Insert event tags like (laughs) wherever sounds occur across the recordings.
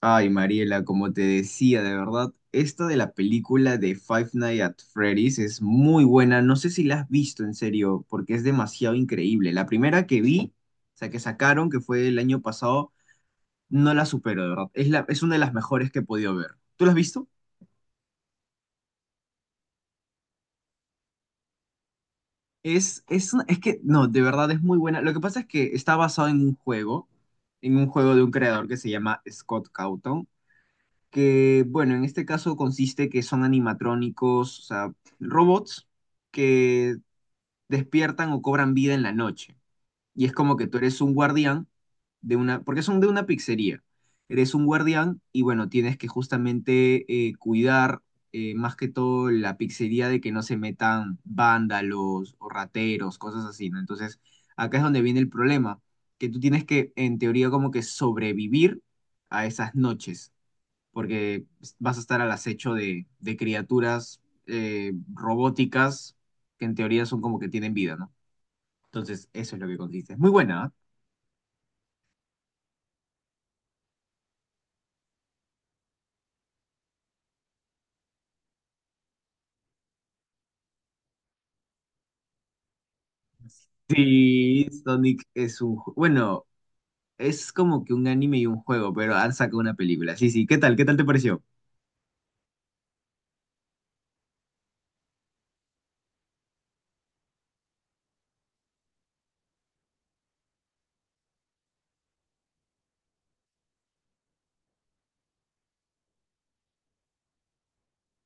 Ay, Mariela, como te decía, de verdad, esta de la película de Five Nights at Freddy's es muy buena. No sé si la has visto en serio, porque es demasiado increíble. La primera que vi, o sea, que sacaron, que fue el año pasado, no la supero, de verdad. Es una de las mejores que he podido ver. ¿Tú la has visto? Es que, no, de verdad es muy buena. Lo que pasa es que está basado en un juego de un creador que se llama Scott Cawthon. Que, bueno, en este caso consiste que son animatrónicos, o sea, robots que despiertan o cobran vida en la noche. Y es como que tú eres un guardián de una, porque son de una pizzería. Eres un guardián y, bueno, tienes que justamente cuidar más que todo la pizzería de que no se metan vándalos o rateros, cosas así, ¿no? Entonces, acá es donde viene el problema, que tú tienes que, en teoría, como que sobrevivir a esas noches porque vas a estar al acecho de criaturas robóticas que en teoría son como que tienen vida, ¿no? Entonces, eso es lo que consiste. Es muy buena, ¿ah? Sí, Sonic, bueno, es como que un anime y un juego, pero han sacado una película. Sí, sí, ¿qué tal? ¿Qué tal te pareció?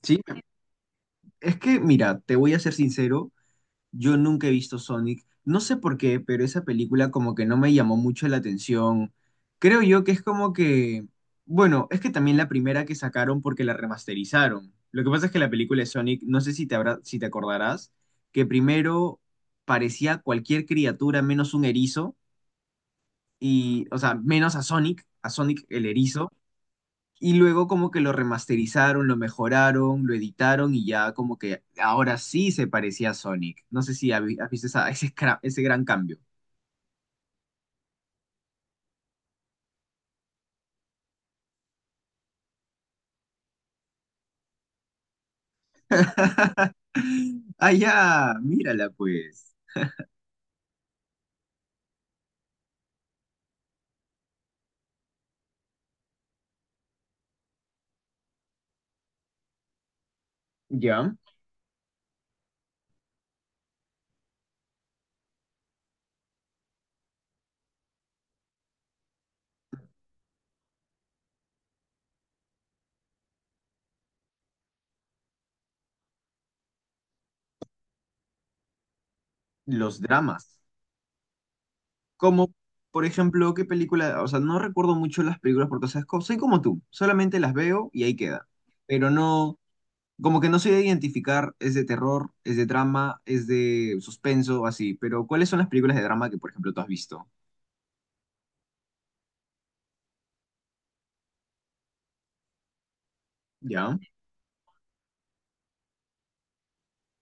Sí, es que, mira, te voy a ser sincero. Yo nunca he visto Sonic. No sé por qué, pero esa película como que no me llamó mucho la atención. Creo yo que es como que, bueno, es que también la primera que sacaron porque la remasterizaron. Lo que pasa es que la película de Sonic, no sé si te acordarás, que primero parecía cualquier criatura menos un erizo y, o sea, menos a Sonic el erizo. Y luego como que lo remasterizaron, lo mejoraron, lo editaron y ya como que ahora sí se parecía a Sonic. No sé si has visto (laughs) ese gran cambio. (laughs) Ah, ya, mírala, pues. Ya, los dramas. Como, por ejemplo, qué película, o sea, no recuerdo mucho las películas porque, o sea, soy como tú, solamente las veo y ahí queda. Pero no, como que no sé identificar, es de terror, es de drama, es de suspenso, así. Pero, ¿cuáles son las películas de drama que, por ejemplo, tú has visto? ¿Ya?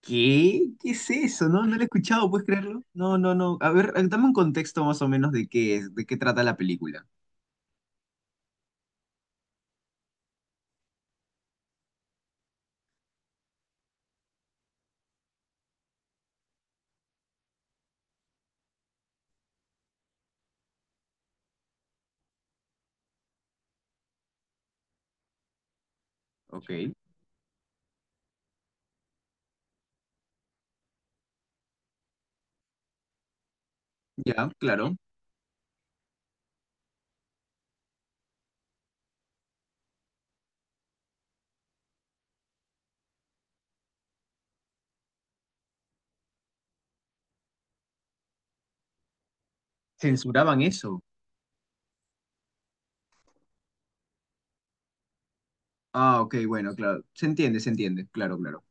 ¿Qué? ¿Qué es eso? No, no lo he escuchado, ¿puedes creerlo? No, no, no. A ver, dame un contexto más o menos de qué es, de qué trata la película. Ok, ya, claro. Censuraban eso. Ah, ok, bueno, claro. Se entiende, se entiende. Claro, claro.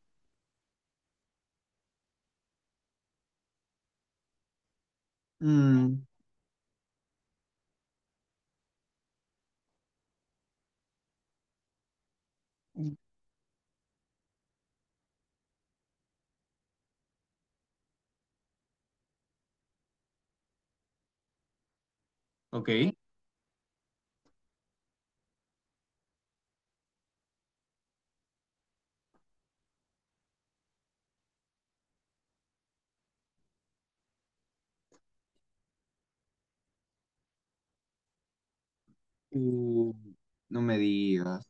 Mm, ok. Uh, no me digas.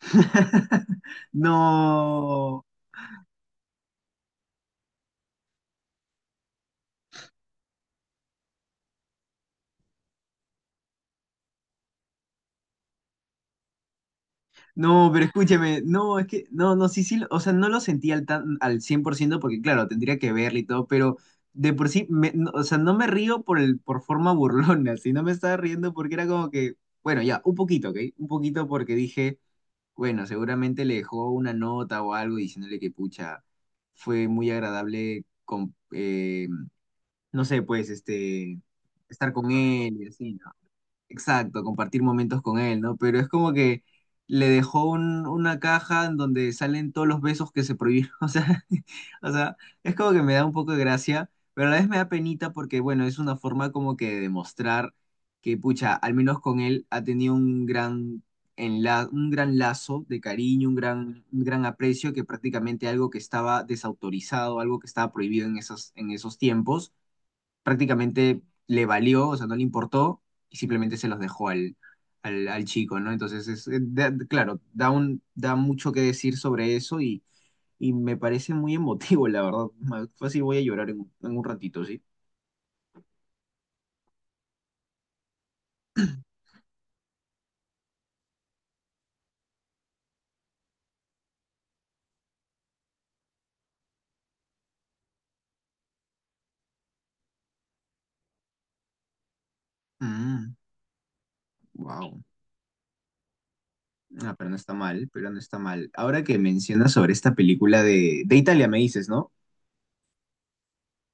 (laughs) No. No, pero escúchame, no, es que, no, no, sí, sí, o sea, no lo sentí tan al 100% porque, claro, tendría que verlo y todo, pero de por sí, no, o sea, no me río por forma burlona, (laughs) sino me estaba riendo porque era como que, bueno, ya, un poquito, ¿ok? Un poquito porque dije, bueno, seguramente le dejó una nota o algo diciéndole que, pucha, fue muy agradable, con, no sé, pues, este, estar con él y así, ¿no? Exacto, compartir momentos con él, ¿no? Pero es como que le dejó una caja en donde salen todos los besos que se prohibieron. (laughs) O sea, (laughs) o sea, es como que me da un poco de gracia, pero a la vez me da penita porque, bueno, es una forma como que de demostrar que, pucha, al menos con él ha tenido un gran, un gran lazo de cariño, un gran aprecio, que prácticamente algo que estaba desautorizado, algo que estaba prohibido en esos tiempos prácticamente le valió, o sea, no le importó y simplemente se los dejó al, al chico, ¿no? Entonces, es, claro, da mucho que decir sobre eso y me parece muy emotivo, la verdad. Fácil voy a llorar en un ratito, ¿sí? Wow. Ah, pero no está mal, pero no está mal. Ahora que mencionas sobre esta película de Italia, me dices, ¿no?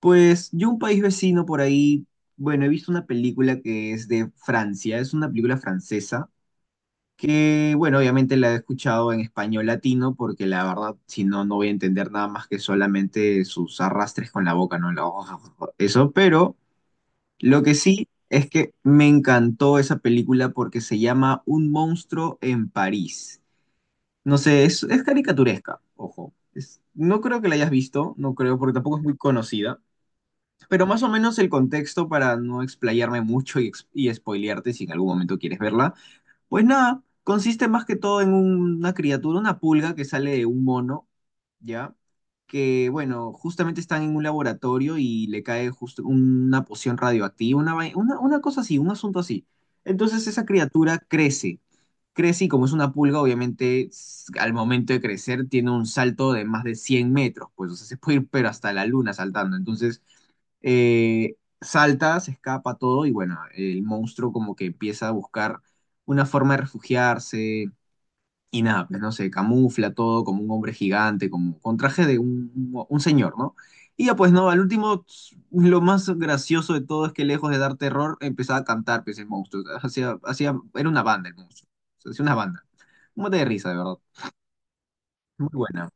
Pues yo un país vecino por ahí, bueno, he visto una película que es de Francia, es una película francesa que, bueno, obviamente la he escuchado en español latino porque la verdad, si no, no voy a entender nada más que solamente sus arrastres con la boca, ¿no? (laughs) Eso, pero lo que sí es que me encantó esa película porque se llama Un monstruo en París. No sé, es caricaturesca, ojo. No creo que la hayas visto, no creo, porque tampoco es muy conocida. Pero más o menos el contexto para no explayarme mucho y spoilearte si en algún momento quieres verla, pues nada, consiste más que todo en una criatura, una pulga que sale de un mono. ¿Ya? Que, bueno, justamente están en un laboratorio y le cae justo una poción radioactiva, una cosa así, un asunto así. Entonces esa criatura crece, crece y como es una pulga, obviamente al momento de crecer tiene un salto de más de 100 metros, pues, o sea, se puede ir pero hasta la luna saltando. Entonces salta, se escapa todo y bueno, el monstruo como que empieza a buscar una forma de refugiarse, y nada, pues no sé, camufla todo como un hombre gigante, como con traje de un señor, ¿no? Y ya pues no, al último, lo más gracioso de todo es que lejos de dar terror, empezaba a cantar, pues el monstruo. Era una banda el monstruo. O sea, hacía una banda. Un mate de risa, de verdad. Muy buena.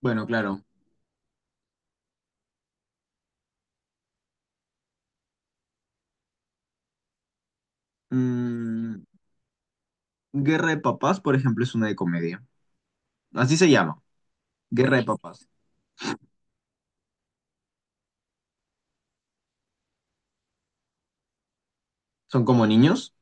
Bueno, claro. Mm, Guerra de Papás, por ejemplo, es una de comedia. Así se llama. Guerra de Papás. Son como niños.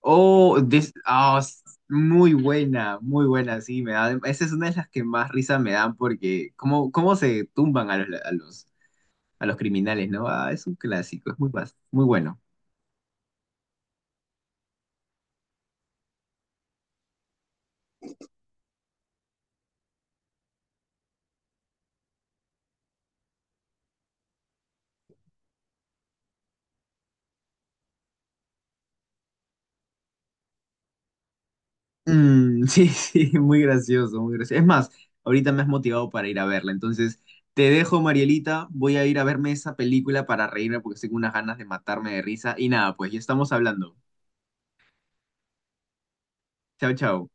Oh, this, muy buena, sí, me da, esa es una de las que más risa me dan porque cómo se tumban a los, a los criminales, ¿no? Ah, es un clásico, es muy bueno. Mm, sí, (laughs) sí, muy gracioso, muy gracioso. Es más, ahorita me has motivado para ir a verla, entonces te dejo, Marielita, voy a ir a verme esa película para reírme porque tengo unas ganas de matarme de risa y nada, pues ya estamos hablando. Chao, chao.